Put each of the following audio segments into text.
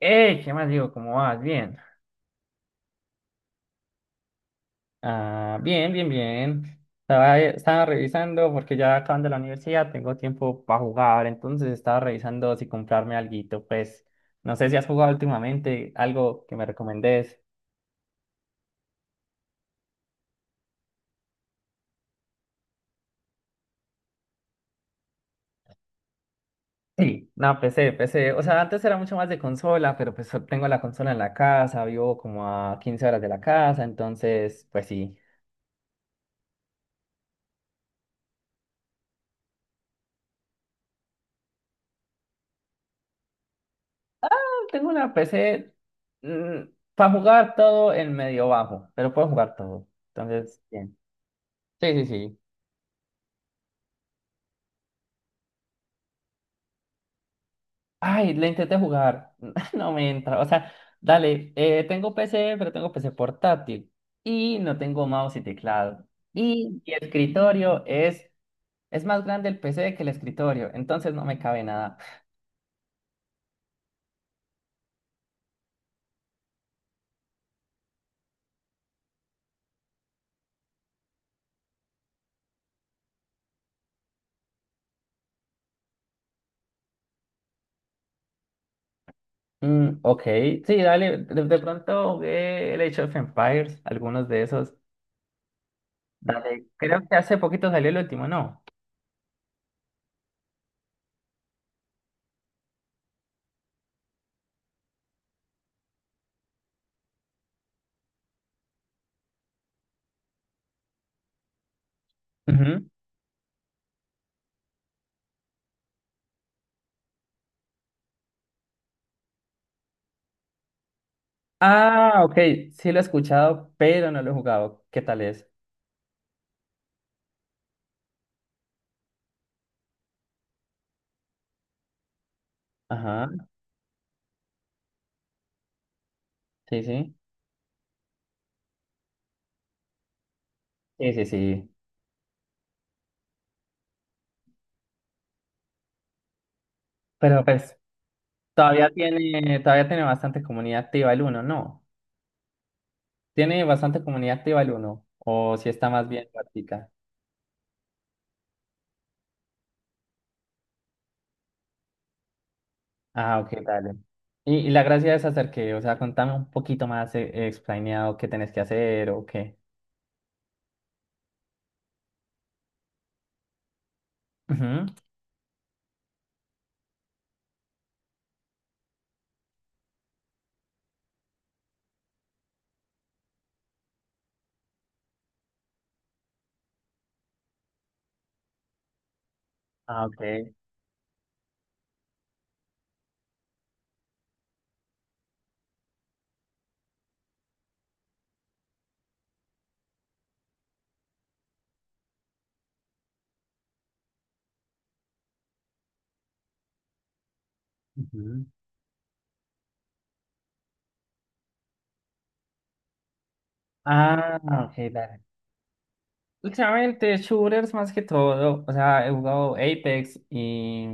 ¡Ey! ¿Qué más digo? ¿Cómo vas? Bien. Ah, bien, bien, bien. Estaba revisando porque ya acaban de la universidad, tengo tiempo para jugar, entonces estaba revisando si comprarme alguito. Pues no sé si has jugado últimamente algo que me recomendés. Sí, no, PC, PC. O sea, antes era mucho más de consola, pero pues tengo la consola en la casa, vivo como a 15 horas de la casa, entonces, pues sí. Tengo una PC para jugar todo en medio bajo, pero puedo jugar todo. Entonces, bien. Sí, sí, sí. Ay, le intenté jugar. No me entra. O sea, dale, tengo PC, pero tengo PC portátil. Y no tengo mouse y teclado. Y mi escritorio es más grande el PC que el escritorio. Entonces no me cabe nada. Mm, ok, sí, dale. De pronto jugué el Age of Empires, algunos de esos. Dale, creo que hace poquito salió el último, ¿no? Ujú. Ah, ok, sí lo he escuchado, pero no lo he jugado. ¿Qué tal es? Ajá, sí, sí. Sí, sí, sí. Pero pues todavía tiene bastante comunidad activa el uno, ¿no? Tiene bastante comunidad activa el uno o si está más bien práctica. Ah, ok, dale. Y la gracia es hacer que, o sea, contame un poquito más, explaneado qué tenés que hacer o qué. Ujú. Ah, ok. Ujú. Ah, ok, dale. Últimamente, shooters más que todo. O sea, he jugado Apex y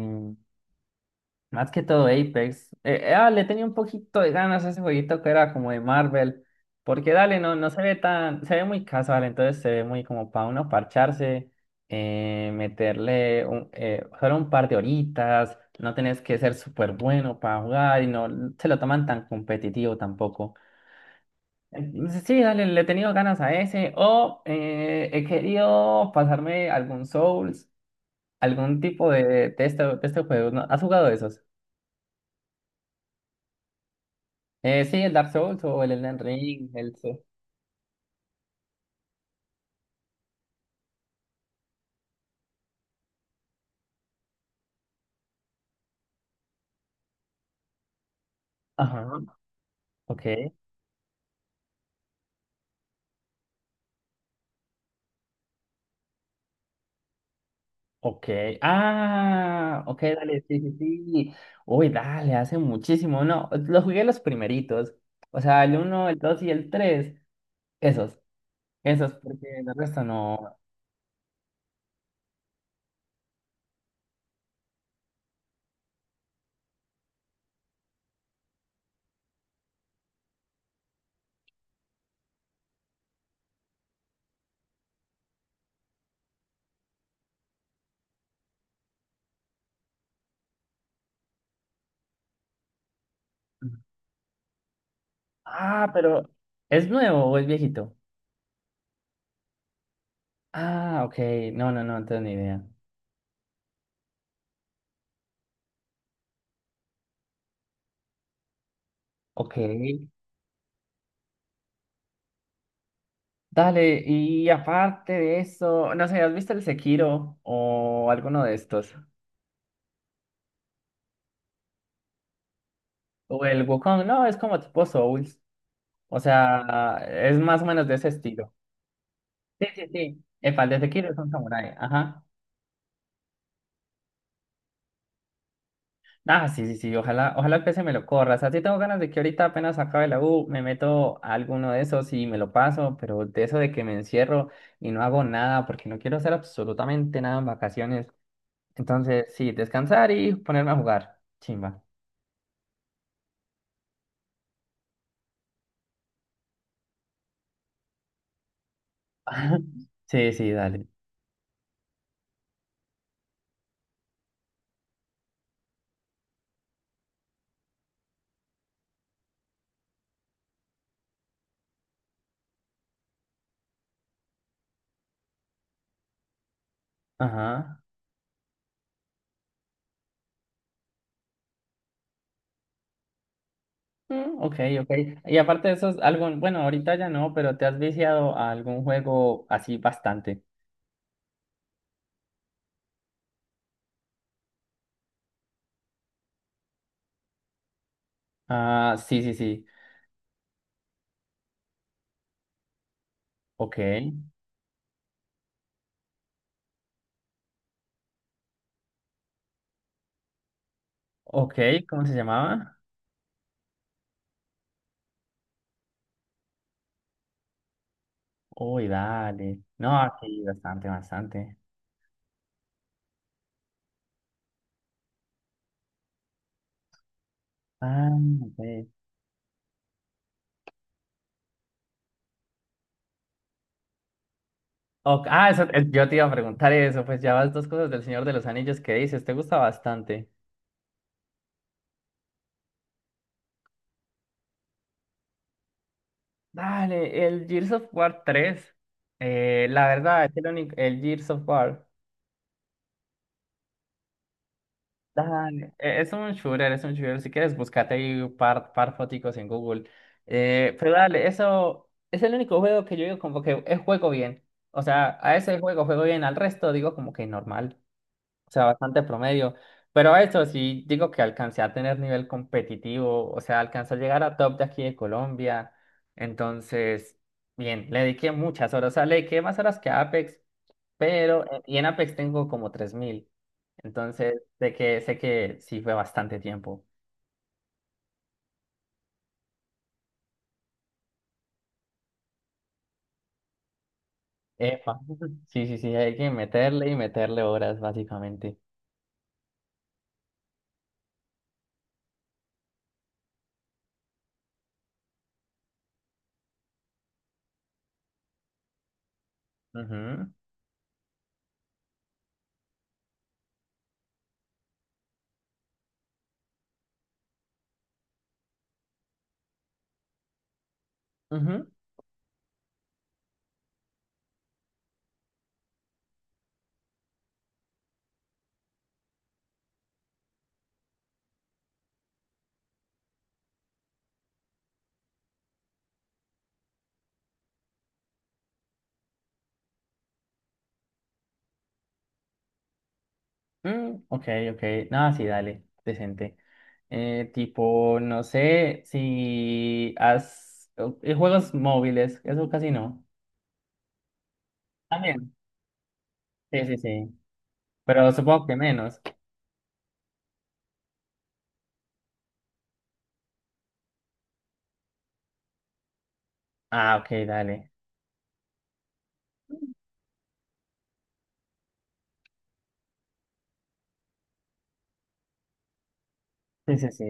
más que todo Apex. Le tenía un poquito de ganas a ese jueguito que era como de Marvel. Porque dale, no, no se ve tan, se ve muy casual, entonces se ve muy como para uno parcharse, meterle solo un par de horitas, no tenés que ser súper bueno para jugar y no se lo toman tan competitivo tampoco. Entonces, sí, dale, le he tenido ganas a ese. O he querido pasarme algún Souls, algún tipo de este juego. ¿No? ¿Has jugado esos? Sí, el Dark Souls o el Elden Ring, el Souls. Ajá, ok, ok. Ah, ok, dale, sí, sí, sí. Uy, dale, hace muchísimo, no, los jugué los primeritos, o sea, el uno, el 2 y el tres, esos, esos, porque el resto no. Ah, pero ¿es nuevo o es viejito? Ah, ok, no, no, no, no tengo ni idea. Ok, dale, y aparte de eso, no sé, ¿has visto el Sekiro o alguno de estos? O el Wukong, no, es como tipo Souls. O sea, es más o menos de ese estilo. Sí, sí, sí. Epa, el de Sekiro es un samurái. Ajá. Ah, sí, sí, sí. Ojalá, ojalá el PC me lo corra. O sea, sí tengo ganas de que ahorita apenas acabe la U, me meto a alguno de esos y me lo paso, pero de eso de que me encierro y no hago nada porque no quiero hacer absolutamente nada en vacaciones. Entonces, sí, descansar y ponerme a jugar. Chimba. Sí, sí, dale. Ajá. Mm, ok, ok. Y aparte de eso, es algo, bueno, ahorita ya no, pero ¿te has viciado a algún juego así bastante? Ah, sí, sí, sí. Ok, ok, ¿cómo se llamaba? Uy, dale. No, sí, bastante, bastante. Ah, ok. Ok. Ah, eso, yo te iba a preguntar eso, pues ya vas dos cosas del Señor de los Anillos que dices, te gusta bastante. Dale, el Gears of War 3. La verdad, es que el único, el Gears of War. Dale, es un shooter, es un shooter. Si quieres, búscate ahí un par, par foticos en Google. Pero dale, eso es el único juego que yo digo como que juego bien. O sea, a ese juego juego bien, al resto digo como que normal. O sea, bastante promedio. Pero a eso sí digo que alcancé a tener nivel competitivo. O sea, alcancé a llegar a top de aquí de Colombia. Entonces, bien, le dediqué muchas horas. O sea, le dediqué más horas que a Apex. Pero, y en Apex tengo como 3000. Entonces, sé que sí fue bastante tiempo. Epa. Sí, sí, sí, hay que meterle y meterle horas, básicamente. Ujú, ujú. Mm, ok, ok. Nada, sí, dale, decente. Tipo, no sé si has... Juegos móviles, eso casi no. También. Sí, sí, sí. Pero supongo que menos. Ah, ok, dale. Sí, sí, sí.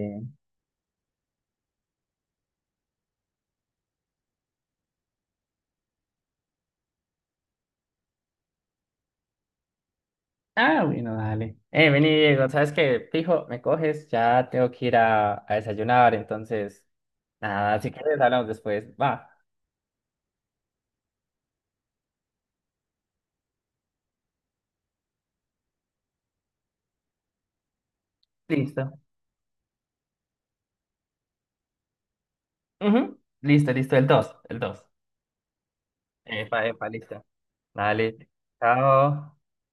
Ah, bueno, dale. Vení, Diego, ¿sabes qué? Fijo, me coges, ya tengo que ir a desayunar, entonces, nada, si quieres hablamos después. Va. Listo. Ujú. Listo, listo, el 2 el 2. Epa, epa, listo. Dale. Chao.